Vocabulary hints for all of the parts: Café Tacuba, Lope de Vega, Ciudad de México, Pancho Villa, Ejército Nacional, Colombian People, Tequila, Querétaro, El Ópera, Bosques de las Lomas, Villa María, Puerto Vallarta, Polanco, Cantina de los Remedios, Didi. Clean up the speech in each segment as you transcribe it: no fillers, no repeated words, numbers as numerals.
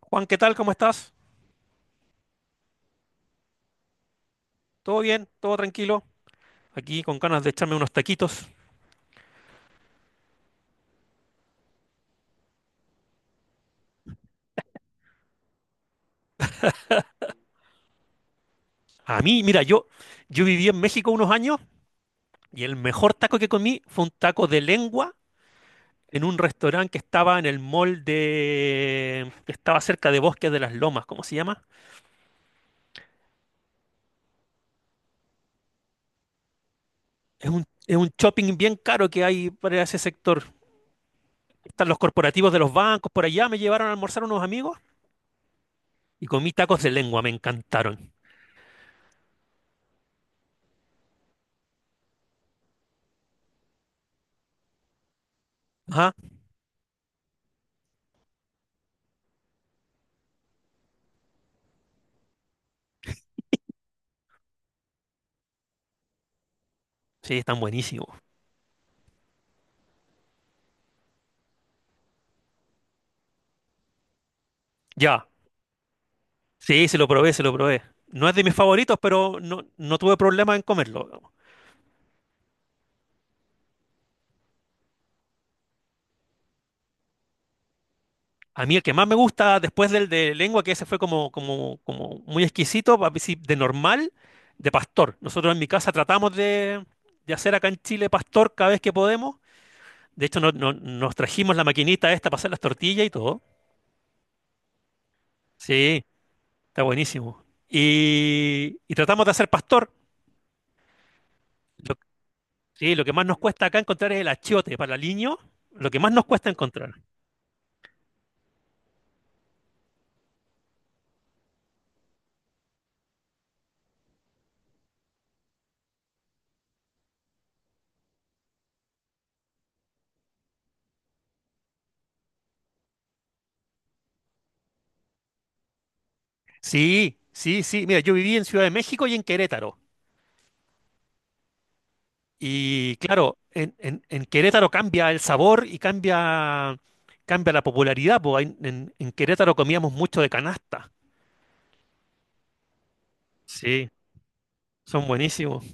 Juan, ¿qué tal? ¿Cómo estás? ¿Todo bien? ¿Todo tranquilo? Aquí con ganas de echarme unos taquitos. A mí, mira, yo viví en México unos años y el mejor taco que comí fue un taco de lengua en un restaurante que estaba en el mall de... que estaba cerca de Bosques de las Lomas, ¿cómo se llama? Es un shopping bien caro que hay para ese sector. Están los corporativos de los bancos, por allá me llevaron a almorzar unos amigos y comí tacos de lengua, me encantaron. Ajá, sí, están buenísimos. Ya, sí, se lo probé, se lo probé. No es de mis favoritos, pero no, no tuve problema en comerlo. A mí el que más me gusta después del de lengua, que ese fue como, como muy exquisito, sí, de normal, de pastor. Nosotros en mi casa tratamos de hacer acá en Chile pastor cada vez que podemos. De hecho, nos trajimos la maquinita esta para hacer las tortillas y todo. Sí, está buenísimo. Y tratamos de hacer pastor. Lo- sí, lo que más nos cuesta acá encontrar es el achiote para el aliño. Lo que más nos cuesta encontrar. Sí, sí, sí. Mira, yo viví en Ciudad de México y en Querétaro. Y claro, en Querétaro cambia el sabor y cambia, cambia la popularidad. Po. En Querétaro comíamos mucho de canasta. Sí, son buenísimos.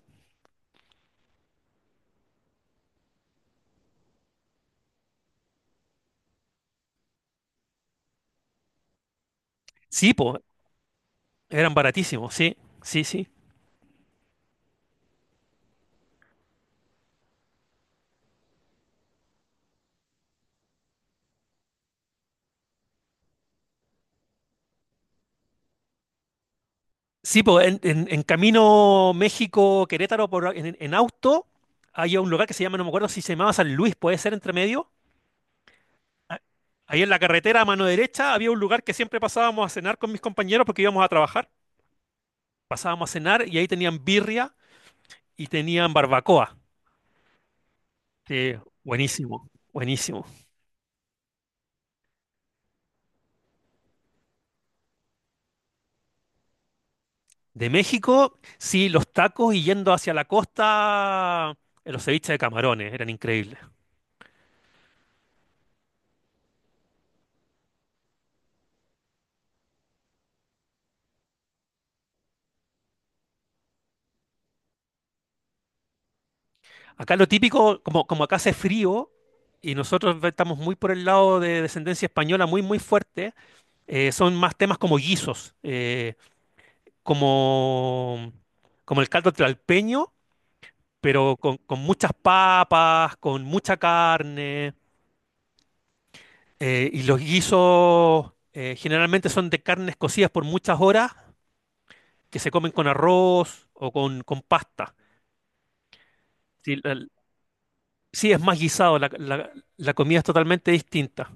Sí, po, eran baratísimos, sí, sí, sí. Sí, pues en camino México-Querétaro por, en auto hay un lugar que se llama, no me acuerdo si se llamaba San Luis, puede ser entre medio, a- ahí en la carretera a mano derecha había un lugar que siempre pasábamos a cenar con mis compañeros porque íbamos a trabajar. Pasábamos a cenar y ahí tenían birria y tenían barbacoa. Sí, buenísimo, buenísimo. De México, sí, los tacos y yendo hacia la costa, los ceviches de camarones eran increíbles. Acá lo típico, como, como acá hace frío y nosotros estamos muy por el lado de descendencia española, muy, muy fuerte, son más temas como guisos. Como, como el caldo tlalpeño, pero con muchas papas, con mucha carne. Y los guisos generalmente son de carnes cocidas por muchas horas que se comen con arroz o con pasta. Sí, sí, es más guisado, la comida es totalmente distinta.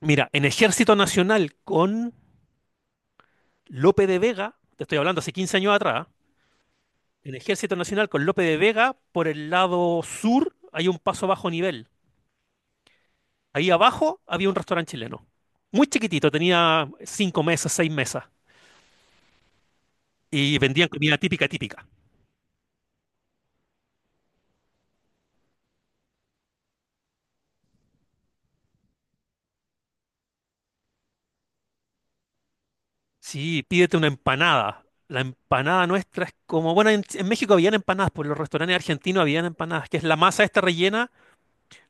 Mira, en Ejército Nacional con Lope de Vega, te estoy hablando hace 15 años atrás, en Ejército Nacional con Lope de Vega, por el lado sur hay un paso bajo nivel. Ahí abajo había un restaurante chileno. Muy chiquitito, tenía cinco mesas, seis mesas. Y vendían comida típica, típica. Sí, pídete una empanada. La empanada nuestra es como, bueno, en México habían empanadas, por los restaurantes argentinos habían empanadas, que es la masa esta rellena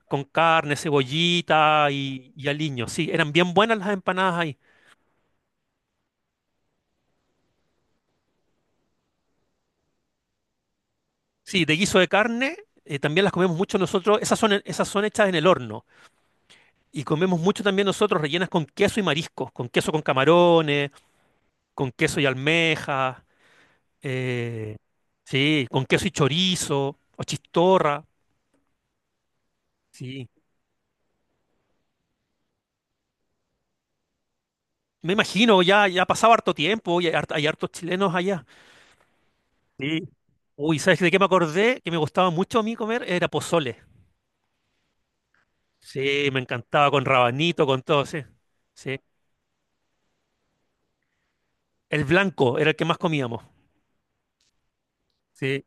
con carne, cebollita y aliño. Sí, eran bien buenas las empanadas ahí. Sí, de guiso de carne, también las comemos mucho nosotros. Esas son hechas en el horno. Y comemos mucho también nosotros rellenas con queso y mariscos, con queso con camarones, con queso y almeja, eh, sí, con queso y chorizo, o chistorra, sí. Me imagino, ya, ya ha pasado harto tiempo y hay, hay hartos chilenos allá. Sí. Uy, ¿sabes de qué me acordé? Que me gustaba mucho a mí comer, era pozole. Sí, me encantaba con rabanito, con todo, sí. Sí. El blanco era el que más comíamos. Sí.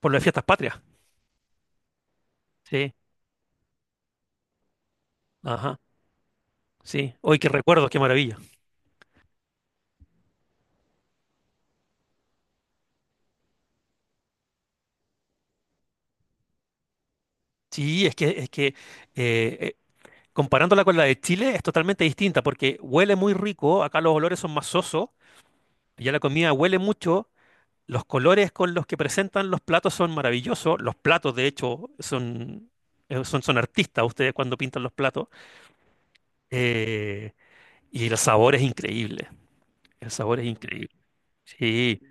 Por las fiestas patrias. Sí. Ajá. Sí. Hoy qué recuerdos, qué maravilla. Sí, es que eh, eh, comparándola con la de Chile es totalmente distinta porque huele muy rico, acá los olores son más sosos, ya la comida huele mucho, los colores con los que presentan los platos son maravillosos, los platos de hecho son, son artistas ustedes cuando pintan los platos, eh, y el sabor es increíble, el sabor es increíble. Sí,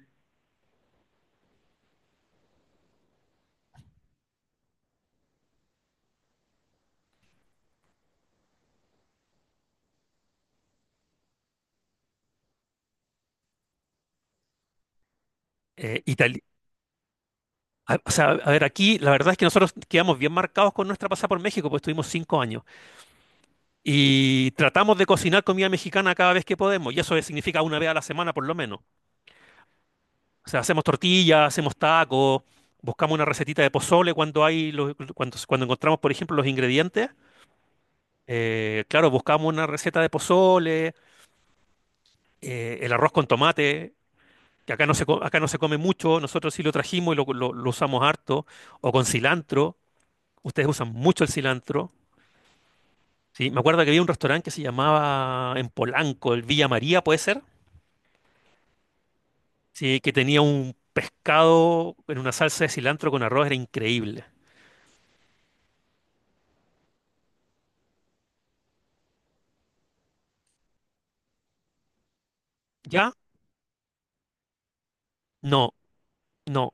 eh, Itali- o sea, a ver, aquí la verdad es que nosotros quedamos bien marcados con nuestra pasada por México, pues estuvimos 5 años. Y tratamos de cocinar comida mexicana cada vez que podemos, y eso significa una vez a la semana por lo menos. O sea, hacemos tortillas, hacemos tacos, buscamos una recetita de pozole cuando hay cuando, cuando encontramos, por ejemplo, los ingredientes. Claro, buscamos una receta de pozole, el arroz con tomate, que acá no se, acá no se come mucho, nosotros sí lo trajimos y lo usamos harto, o con cilantro. Ustedes usan mucho el cilantro. Sí, me acuerdo que había un restaurante que se llamaba en Polanco, el Villa María, ¿puede ser? Sí, que tenía un pescado en una salsa de cilantro con arroz, era increíble. ¿Ya? No, no.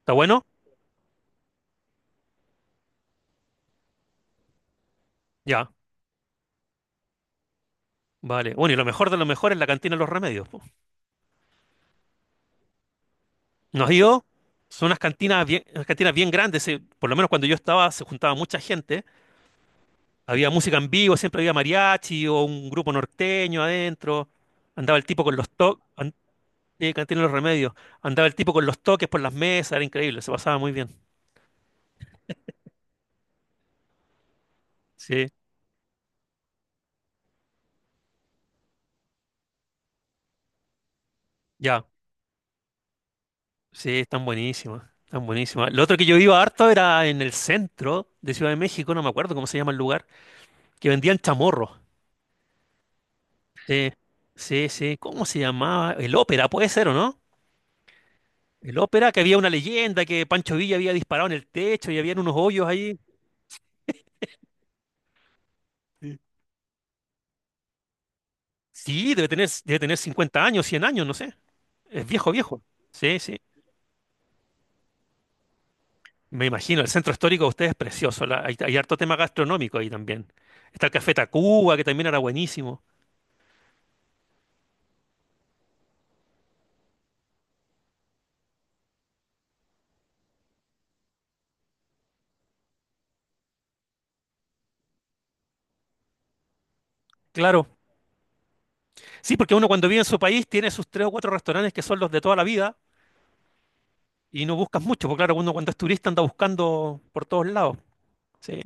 ¿Está bueno? Ya, vale. Bueno, y lo mejor de lo mejor es la Cantina de los Remedios. Po. Nos dio, son unas cantinas bien grandes, por lo menos cuando yo estaba se juntaba mucha gente, había música en vivo, siempre había mariachi o un grupo norteño adentro, andaba el tipo con los toques, Cantina de los Remedios, andaba el tipo con los toques por las mesas, era increíble, se pasaba muy bien. Sí, ya. Sí, están buenísimas, están buenísimas. Lo otro que yo iba harto era en el centro de Ciudad de México, no me acuerdo cómo se llama el lugar, que vendían chamorros. Sí, sí, sí. ¿Cómo se llamaba? El Ópera, puede ser, ¿o no? El Ópera, que había una leyenda que Pancho Villa había disparado en el techo y habían unos hoyos ahí. Sí, debe tener 50 años, 100 años, no sé. Es viejo, viejo. Sí, sí. Me imagino, el centro histórico de ustedes es precioso. Hay, hay harto tema gastronómico ahí también. Está el Café Tacuba, que también era buenísimo. Claro. Sí, porque uno cuando vive en su país tiene sus tres o cuatro restaurantes que son los de toda la vida y no buscas mucho, porque claro, uno cuando es turista anda buscando por todos lados. Sí,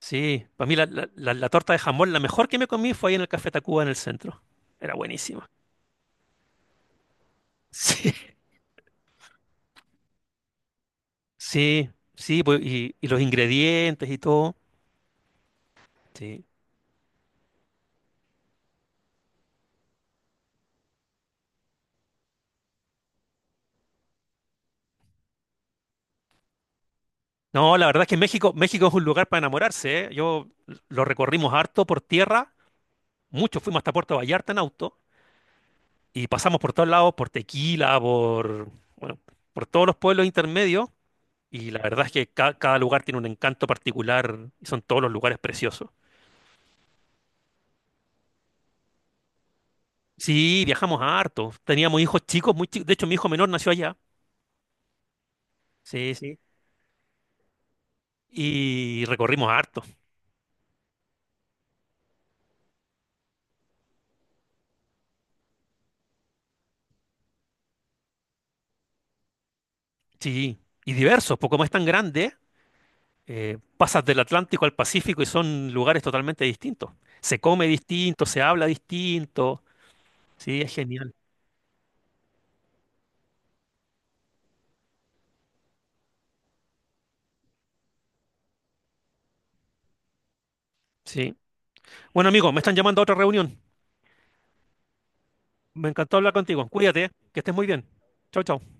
sí. Para mí la torta de jamón, la mejor que me comí fue ahí en el Café Tacuba en el centro. Era buenísima. Sí, sí, sí, pues, y los ingredientes y todo. Sí. No, la verdad es que México, México es un lugar para enamorarse, ¿eh? Yo lo recorrimos harto por tierra, mucho fuimos hasta Puerto Vallarta en auto. Y pasamos por todos lados, por Tequila, por, bueno, por todos los pueblos intermedios. Y la verdad es que cada lugar tiene un encanto particular y son todos los lugares preciosos. Sí, viajamos harto. Teníamos hijos chicos, muy chicos. De hecho, mi hijo menor nació allá. Sí, sí. Y recorrimos harto. Sí. Y diversos, porque como es tan grande, pasas del Atlántico al Pacífico y son lugares totalmente distintos. Se come distinto, se habla distinto. Sí, es genial. Sí. Bueno, amigo, me están llamando a otra reunión. Me encantó hablar contigo. Cuídate, ¿eh? Que estés muy bien. Chau, chau.